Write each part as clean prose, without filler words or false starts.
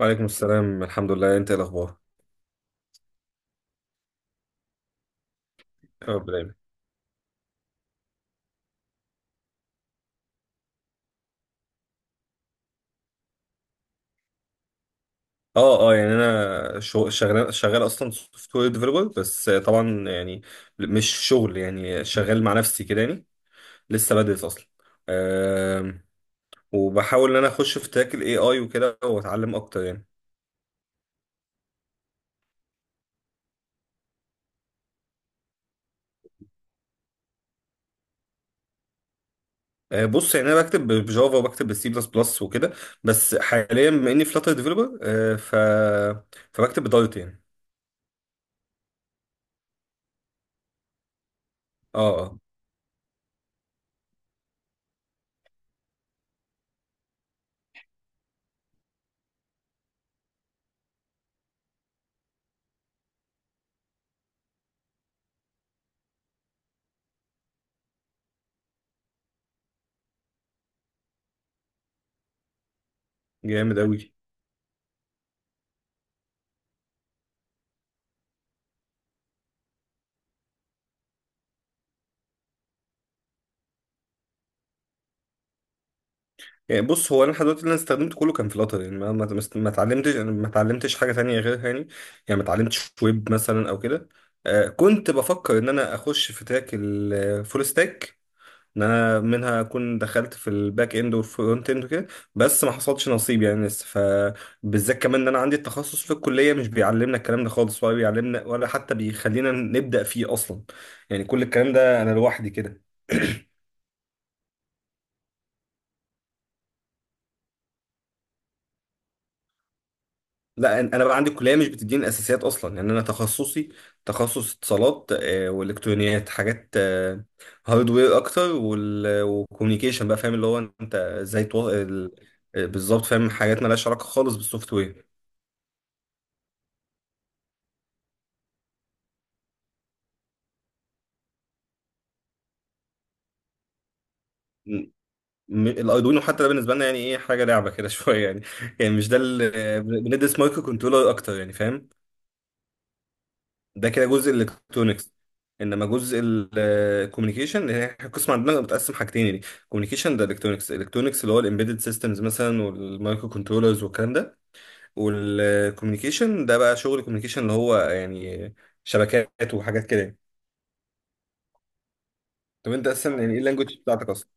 وعليكم السلام، الحمد لله. انت ايه الاخبار؟ يا رب دايما. اه يعني انا شغال، اصلا سوفت وير ديفلوبر، بس طبعا يعني مش شغل، يعني شغال مع نفسي كده يعني. لسه بدرس اصلا. آم، وبحاول ان انا اخش في تراك الاي اي وكده، واتعلم اكتر يعني. بص، يعني انا بكتب بجافا وبكتب بالسي بلس بلس وكده. بس حاليا بما اني فلاتر ديفلوبر ف فبكتب بدارت يعني. اه. جامد اوي. يعني بص، هو انا لحد دلوقتي اللي انا استخدمته كله كان فلاتر، يعني ما اتعلمتش انا، ما اتعلمتش حاجه تانية غيرها يعني. يعني ما اتعلمتش ويب مثلا او كده. آه، كنت بفكر ان انا اخش في تراك الفول ستاك، ان انا منها اكون دخلت في الباك اند والفرونت اند وكده. بس ما حصلش نصيب يعني لسه، فبالذات كمان ان انا عندي التخصص في الكليه مش بيعلمنا الكلام ده خالص، ولا بيعلمنا ولا حتى بيخلينا نبدا فيه اصلا. يعني كل الكلام ده انا لوحدي كده. لا، انا بقى عندي كليه مش بتديني الاساسيات اصلا. يعني انا تخصصي تخصص اتصالات، والكترونيات، حاجات هاردوير اكتر، والكوميونيكيشن بقى، فاهم اللي هو انت ازاي بالظبط، فاهم حاجات مالهاش علاقه خالص بالسوفت وير. م- الاردوينو حتى ده بالنسبه لنا يعني ايه، حاجه لعبه كده شويه يعني. يعني مش ده بندرس مايكرو كنترولر اكتر يعني، فاهم. ده كده جزء الالكترونكس. انما جزء الكوميونيكيشن، هي القسم عندنا متقسم حاجتين: كوميونيكيشن ده الكترونكس، الكترونكس اللي هو الامبيدد سيستمز مثلا والمايكرو كنترولرز والكلام ده. والكوميونيكيشن ده بقى شغل الكوميونيكيشن، اللي هو يعني شبكات وحاجات كده يعني. طب انت اصلا يعني ايه اللانجوج بتاعتك اصلا؟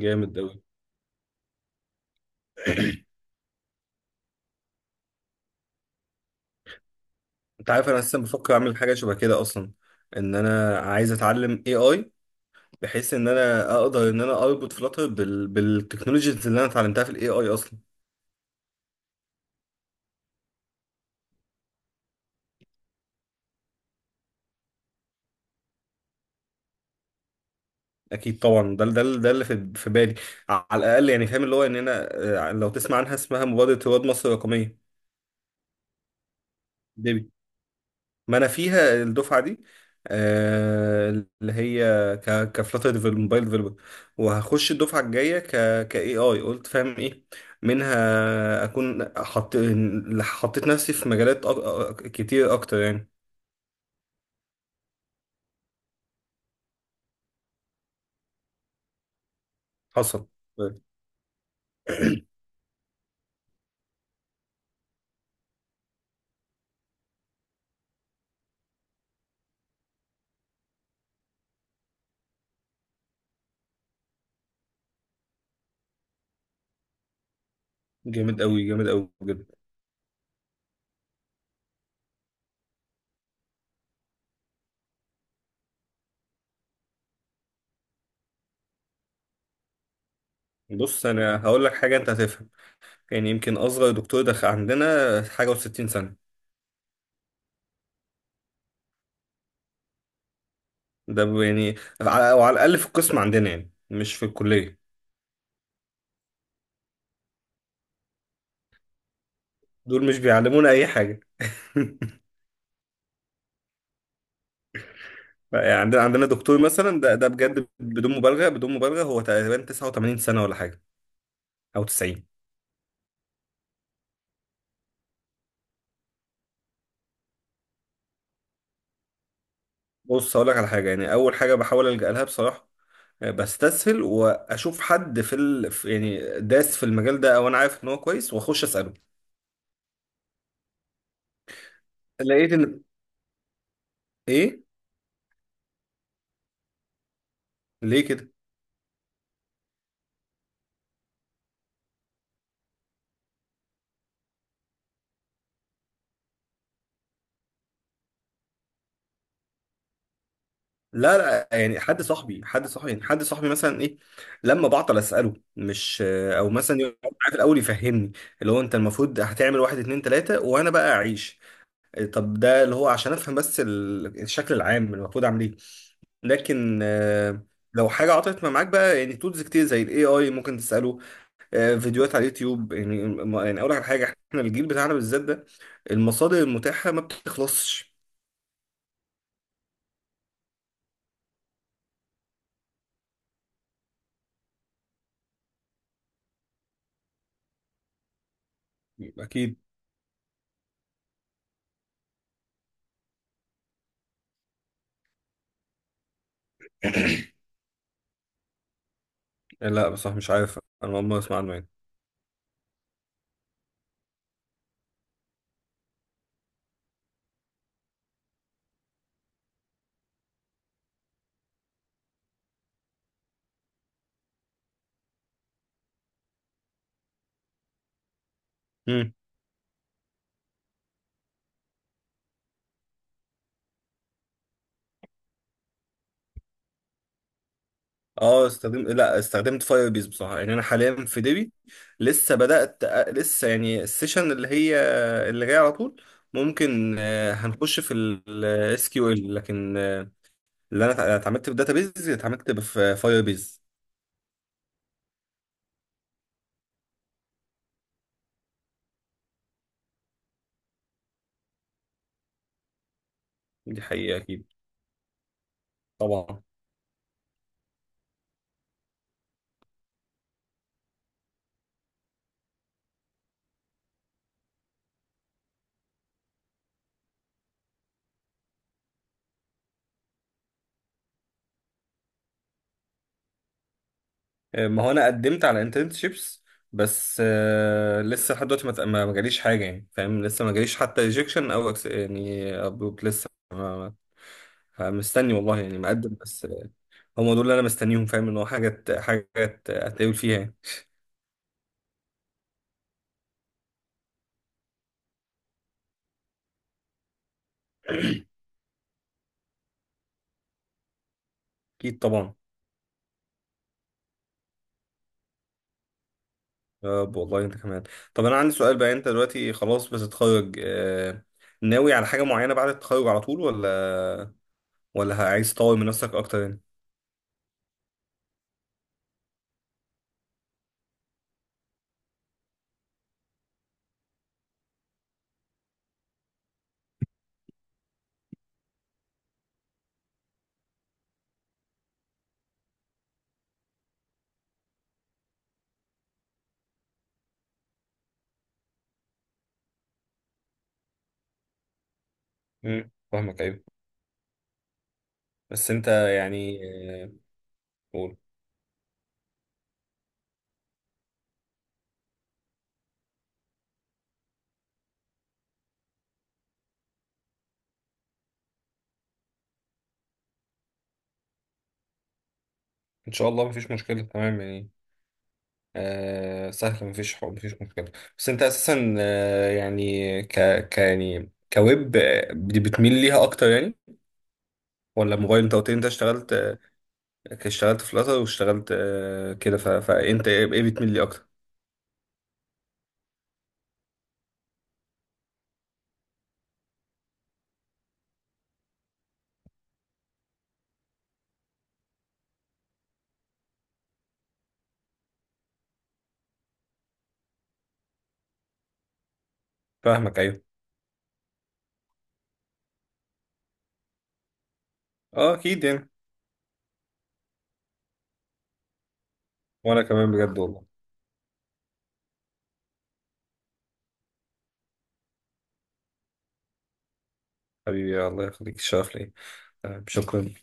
جامد قوي. انت عارف انا اصلا بفكر اعمل حاجه شبه كده اصلا، ان انا عايز اتعلم اي اي، بحيث ان انا اقدر ان انا اربط فلاتر بالتكنولوجيز اللي انا اتعلمتها في الاي اي اصلا. اكيد طبعا، ده ده اللي في بالي. على الاقل يعني، فاهم اللي هو ان انا، آه، لو تسمع عنها، اسمها مبادره رواد مصر الرقميه، ديبي. ما انا فيها الدفعه دي، آه، اللي هي كفلاتر موبايل ديفلوبر. وهخش الدفعه الجايه ك اي اي، قلت فاهم ايه، منها اكون حطيت نفسي في مجالات كتير اكتر يعني. حصل. جامد قوي، جامد قوي بجد. بص انا هقول لك حاجه انت هتفهم، يعني يمكن أصغر دكتور دخل عندنا حاجة و60 سنة. يعني، أو على الأقل في القسم عندنا يعني، مش في الكلية. دول مش بيعلمونا أي حاجة يعني عندنا دكتور مثلا، ده ده بجد بدون مبالغة، بدون مبالغة، هو تقريبا 89 سنة ولا حاجة، أو 90. بص هقول لك على حاجة، يعني أول حاجة بحاول ألجأ لها بصراحة، بستسهل واشوف حد يعني داس في المجال ده، او انا عارف ان هو كويس واخش اساله. لقيت ان، ايه، ليه؟ لا، يعني حد صاحبي، حد صاحبي مثلا، ايه، لما بعطل اساله مش، او مثلا يقعد معايا في الاول يفهمني اللي هو انت المفروض هتعمل واحد اتنين تلاته، وانا بقى اعيش. طب ده اللي هو عشان افهم بس الشكل العام المفروض اعمل ايه. لكن لو حاجه عطلت ما معاك بقى، يعني تولز كتير زي الاي اي ممكن تساله، فيديوهات على اليوتيوب يعني. يعني اقول لك على حاجه، احنا الجيل بتاعنا بالذات ده، المصادر المتاحه ما بتخلصش. اكيد. لا بصراحه مش عارف، انا اول مره اسمع عنه يعني. مم. اه استخدمت، لا استخدمت فاير بيز بصراحه. يعني انا حاليا في ديبي، لسه بدات، لسه يعني السيشن اللي هي اللي جايه على طول ممكن هنخش في الاس كيو ال، لكن اللي انا اتعاملت في بيز، اتعاملت في فاير بيز. دي حقيقه، اكيد طبعا. ما هو انا قدمت على انترنشيبس، بس لسه لحد دلوقتي ما ت- ما- ما جاليش حاجه يعني، فاهم، لسه ما جاليش حتى ريجكشن او يعني أبروك لسه. فمستني والله يعني، مقدم بس. هم دول اللي انا مستنيهم، فاهم ان هو حاجه حاجه هتقابل فيها يعني. اكيد طبعا. يا رب والله، انت كمان. طب انا عندي سؤال بقى، انت دلوقتي خلاص بتتخرج، ناوي على حاجه معينه بعد التخرج على طول، ولا عايز تطور من نفسك اكتر يعني؟ امم، فاهمك، ايوه. بس انت يعني، آه، قول. ان شاء الله مفيش مشكله، تمام يعني. سهل، مفيش حق مفيش مشكله. بس انت اساسا يعني ك يعني كويب بتميل ليها اكتر يعني؟ ولا موبايل؟ انت قلت لي انت اشتغلت، اشتغلت فلاتر واشتغلت كده، فانت ايه، إيه بتميل لي اكتر؟ فاهمك، ايوه. اه اكيد يعني. وانا كمان بجد والله، حبيبي الله يخليك، الشرف ليا. تمام، شكرا.